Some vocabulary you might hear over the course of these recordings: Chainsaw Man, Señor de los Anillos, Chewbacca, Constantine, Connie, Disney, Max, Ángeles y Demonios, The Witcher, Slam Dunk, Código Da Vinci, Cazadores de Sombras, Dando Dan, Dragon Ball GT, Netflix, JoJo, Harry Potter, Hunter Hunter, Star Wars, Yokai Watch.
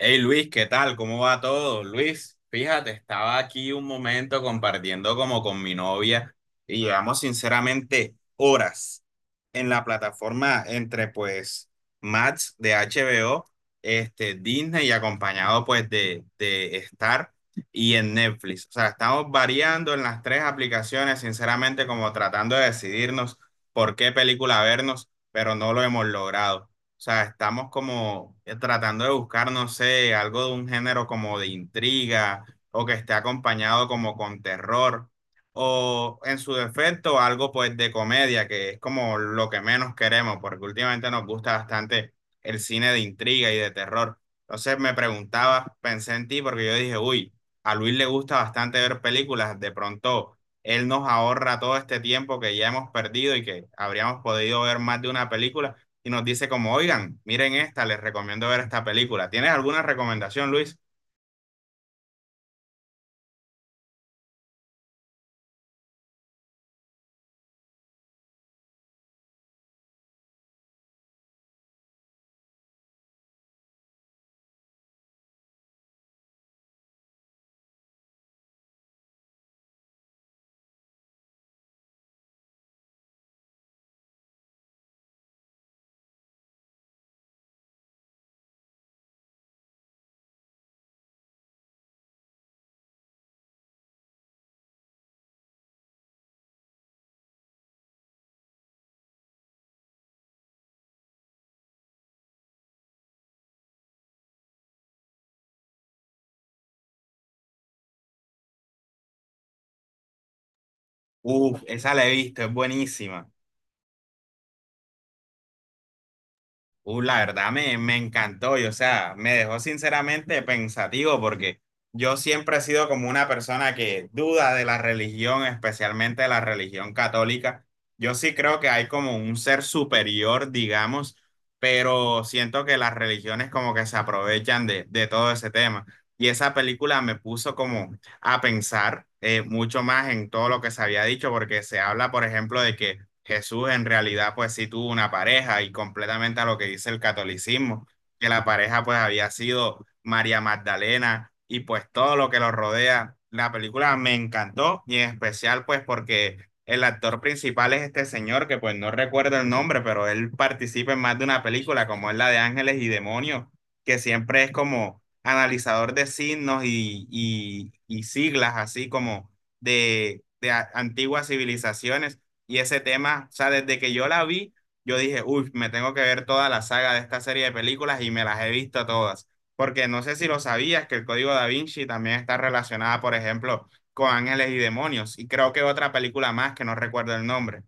Hey Luis, ¿qué tal? ¿Cómo va todo? Luis, fíjate, estaba aquí un momento compartiendo como con mi novia y llevamos sinceramente horas en la plataforma entre pues Max de HBO, este, Disney y acompañado pues de Star y en Netflix. O sea, estamos variando en las tres aplicaciones, sinceramente como tratando de decidirnos por qué película vernos, pero no lo hemos logrado. O sea, estamos como tratando de buscar, no sé, algo de un género como de intriga o que esté acompañado como con terror o en su defecto algo pues de comedia, que es como lo que menos queremos porque últimamente nos gusta bastante el cine de intriga y de terror. Entonces me preguntaba, pensé en ti porque yo dije, uy, a Luis le gusta bastante ver películas, de pronto él nos ahorra todo este tiempo que ya hemos perdido y que habríamos podido ver más de una película y nos dice como, oigan, miren esta, les recomiendo ver esta película. ¿Tienes alguna recomendación, Luis? Uf, esa la he visto, es buenísima. La verdad me encantó y o sea, me dejó sinceramente pensativo porque yo siempre he sido como una persona que duda de la religión, especialmente de la religión católica. Yo sí creo que hay como un ser superior, digamos, pero siento que las religiones como que se aprovechan de todo ese tema. Y esa película me puso como a pensar mucho más en todo lo que se había dicho porque se habla, por ejemplo, de que Jesús en realidad pues sí tuvo una pareja y completamente a lo que dice el catolicismo, que la pareja pues había sido María Magdalena y pues todo lo que lo rodea. La película me encantó y en especial pues porque el actor principal es este señor que pues no recuerdo el nombre, pero él participa en más de una película como es la de Ángeles y Demonios, que siempre es como analizador de signos y siglas así como de antiguas civilizaciones y ese tema, o sea, desde que yo la vi, yo dije, uy, me tengo que ver toda la saga de esta serie de películas y me las he visto todas. Porque no sé si lo sabías, que el Código Da Vinci también está relacionada, por ejemplo, con Ángeles y Demonios. Y creo que otra película más que no recuerdo el nombre.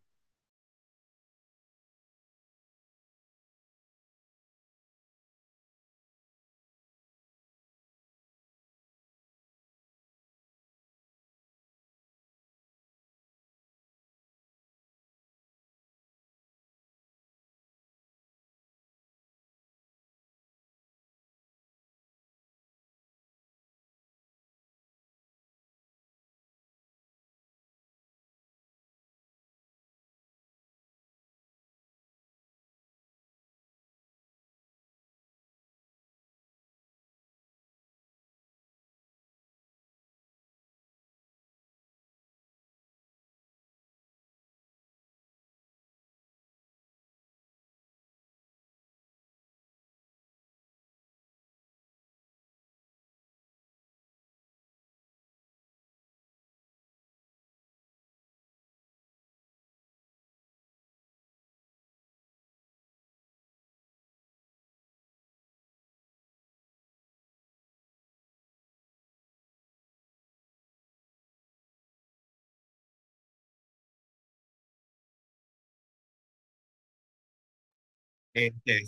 Este,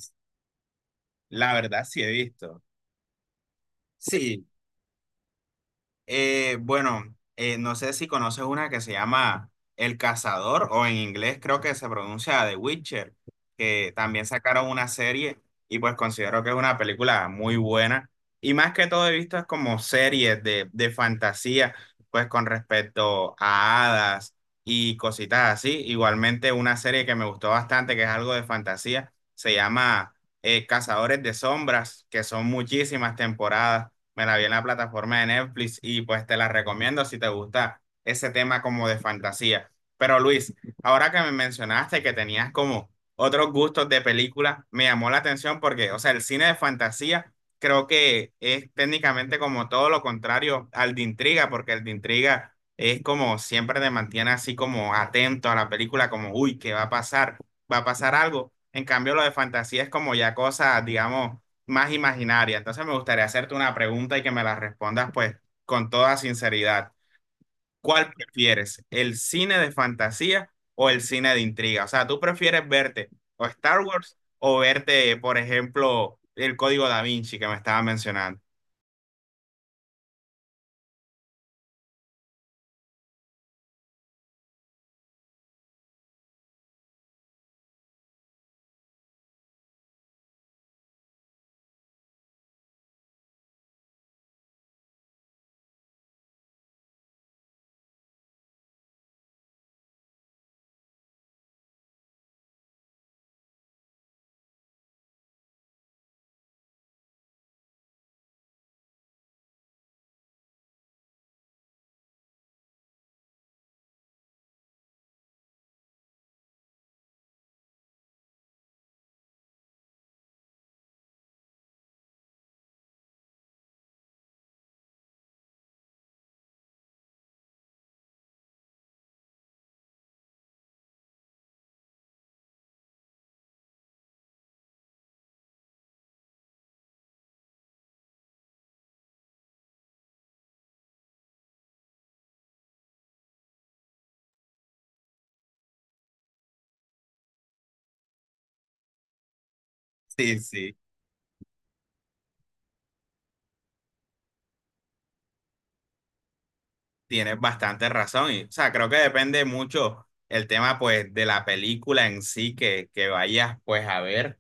la verdad sí he visto. Sí. Bueno, no sé si conoces una que se llama El Cazador o en inglés creo que se pronuncia The Witcher, que también sacaron una serie y pues considero que es una película muy buena. Y más que todo he visto es como series de fantasía, pues con respecto a hadas y cositas así. Igualmente una serie que me gustó bastante, que es algo de fantasía, se llama Cazadores de Sombras, que son muchísimas temporadas, me la vi en la plataforma de Netflix y pues te la recomiendo si te gusta ese tema como de fantasía. Pero Luis, ahora que me mencionaste que tenías como otros gustos de películas, me llamó la atención porque, o sea, el cine de fantasía creo que es técnicamente como todo lo contrario al de intriga, porque el de intriga es como siempre te mantiene así como atento a la película, como, uy, ¿qué va a pasar? ¿Va a pasar algo? En cambio, lo de fantasía es como ya cosas, digamos más imaginaria. Entonces me gustaría hacerte una pregunta y que me la respondas pues con toda sinceridad. ¿Cuál prefieres? ¿El cine de fantasía o el cine de intriga? O sea, ¿tú prefieres verte o Star Wars o verte, por ejemplo, el Código Da Vinci que me estaba mencionando? Sí, sí, tienes bastante razón. Y, o sea, creo que depende mucho el tema pues de la película en sí que vayas pues a ver.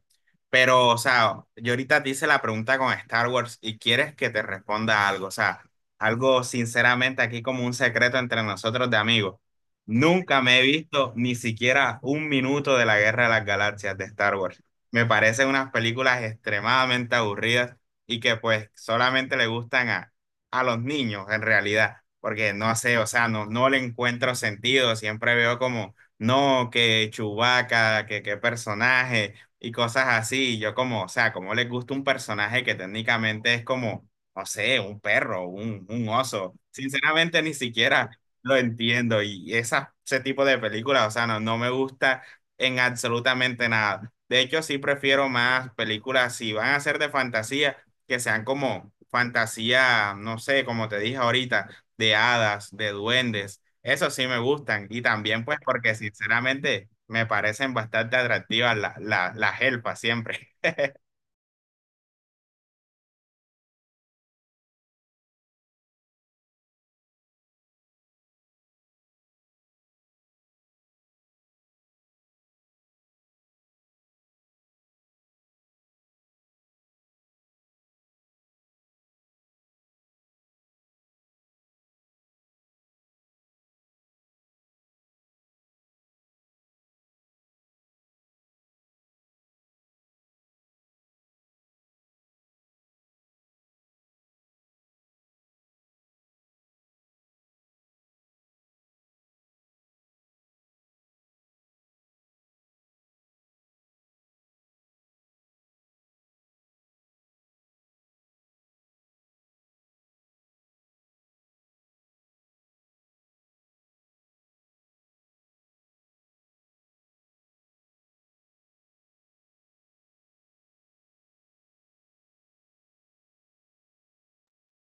Pero, o sea, yo ahorita te hice la pregunta con Star Wars y quieres que te responda algo, o sea, algo sinceramente aquí como un secreto entre nosotros de amigos. Nunca me he visto ni siquiera un minuto de la Guerra de las Galaxias de Star Wars. Me parecen unas películas extremadamente aburridas y que pues solamente le gustan a los niños en realidad, porque no sé, o sea, no, no le encuentro sentido, siempre veo como, no, que Chewbacca, que qué personaje y cosas así. Y yo como, o sea, como les gusta un personaje que técnicamente es como, no sé, un perro, un oso. Sinceramente ni siquiera lo entiendo. Y esa, ese tipo de películas, o sea, no, no me gusta en absolutamente nada. De hecho, sí prefiero más películas, si van a ser de fantasía, que sean como fantasía, no sé, como te dije ahorita, de hadas, de duendes. Eso sí me gustan. Y también pues porque sinceramente me parecen bastante atractivas las elfas siempre.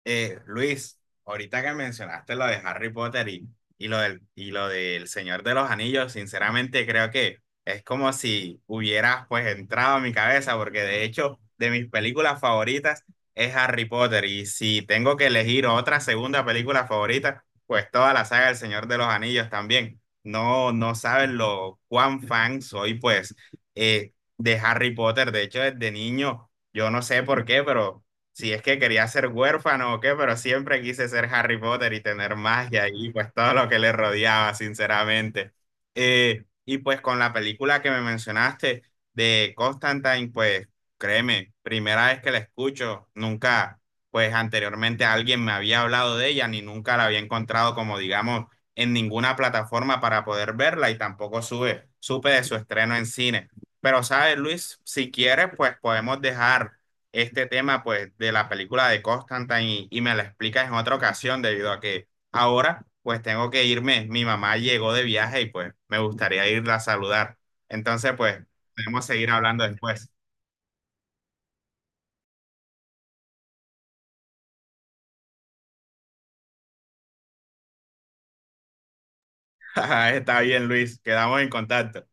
Luis, ahorita que mencionaste lo de Harry Potter y lo del Señor de los Anillos, sinceramente creo que es como si hubieras pues entrado a mi cabeza, porque de hecho de mis películas favoritas es Harry Potter y si tengo que elegir otra segunda película favorita, pues toda la saga del Señor de los Anillos también. No, no saben lo cuán fan soy pues de Harry Potter, de hecho desde niño, yo no sé por qué, pero si es que quería ser huérfano o qué, pero siempre quise ser Harry Potter y tener magia y pues todo lo que le rodeaba, sinceramente. Y pues con la película que me mencionaste de Constantine, pues créeme, primera vez que la escucho, nunca, pues anteriormente alguien me había hablado de ella ni nunca la había encontrado como digamos en ninguna plataforma para poder verla y tampoco supe de su estreno en cine. Pero sabes, Luis, si quieres, pues podemos dejar este tema pues de la película de Constantine y me la explicas en otra ocasión debido a que ahora pues tengo que irme, mi mamá llegó de viaje y pues me gustaría irla a saludar. Entonces pues podemos seguir hablando después. Está bien, Luis, quedamos en contacto.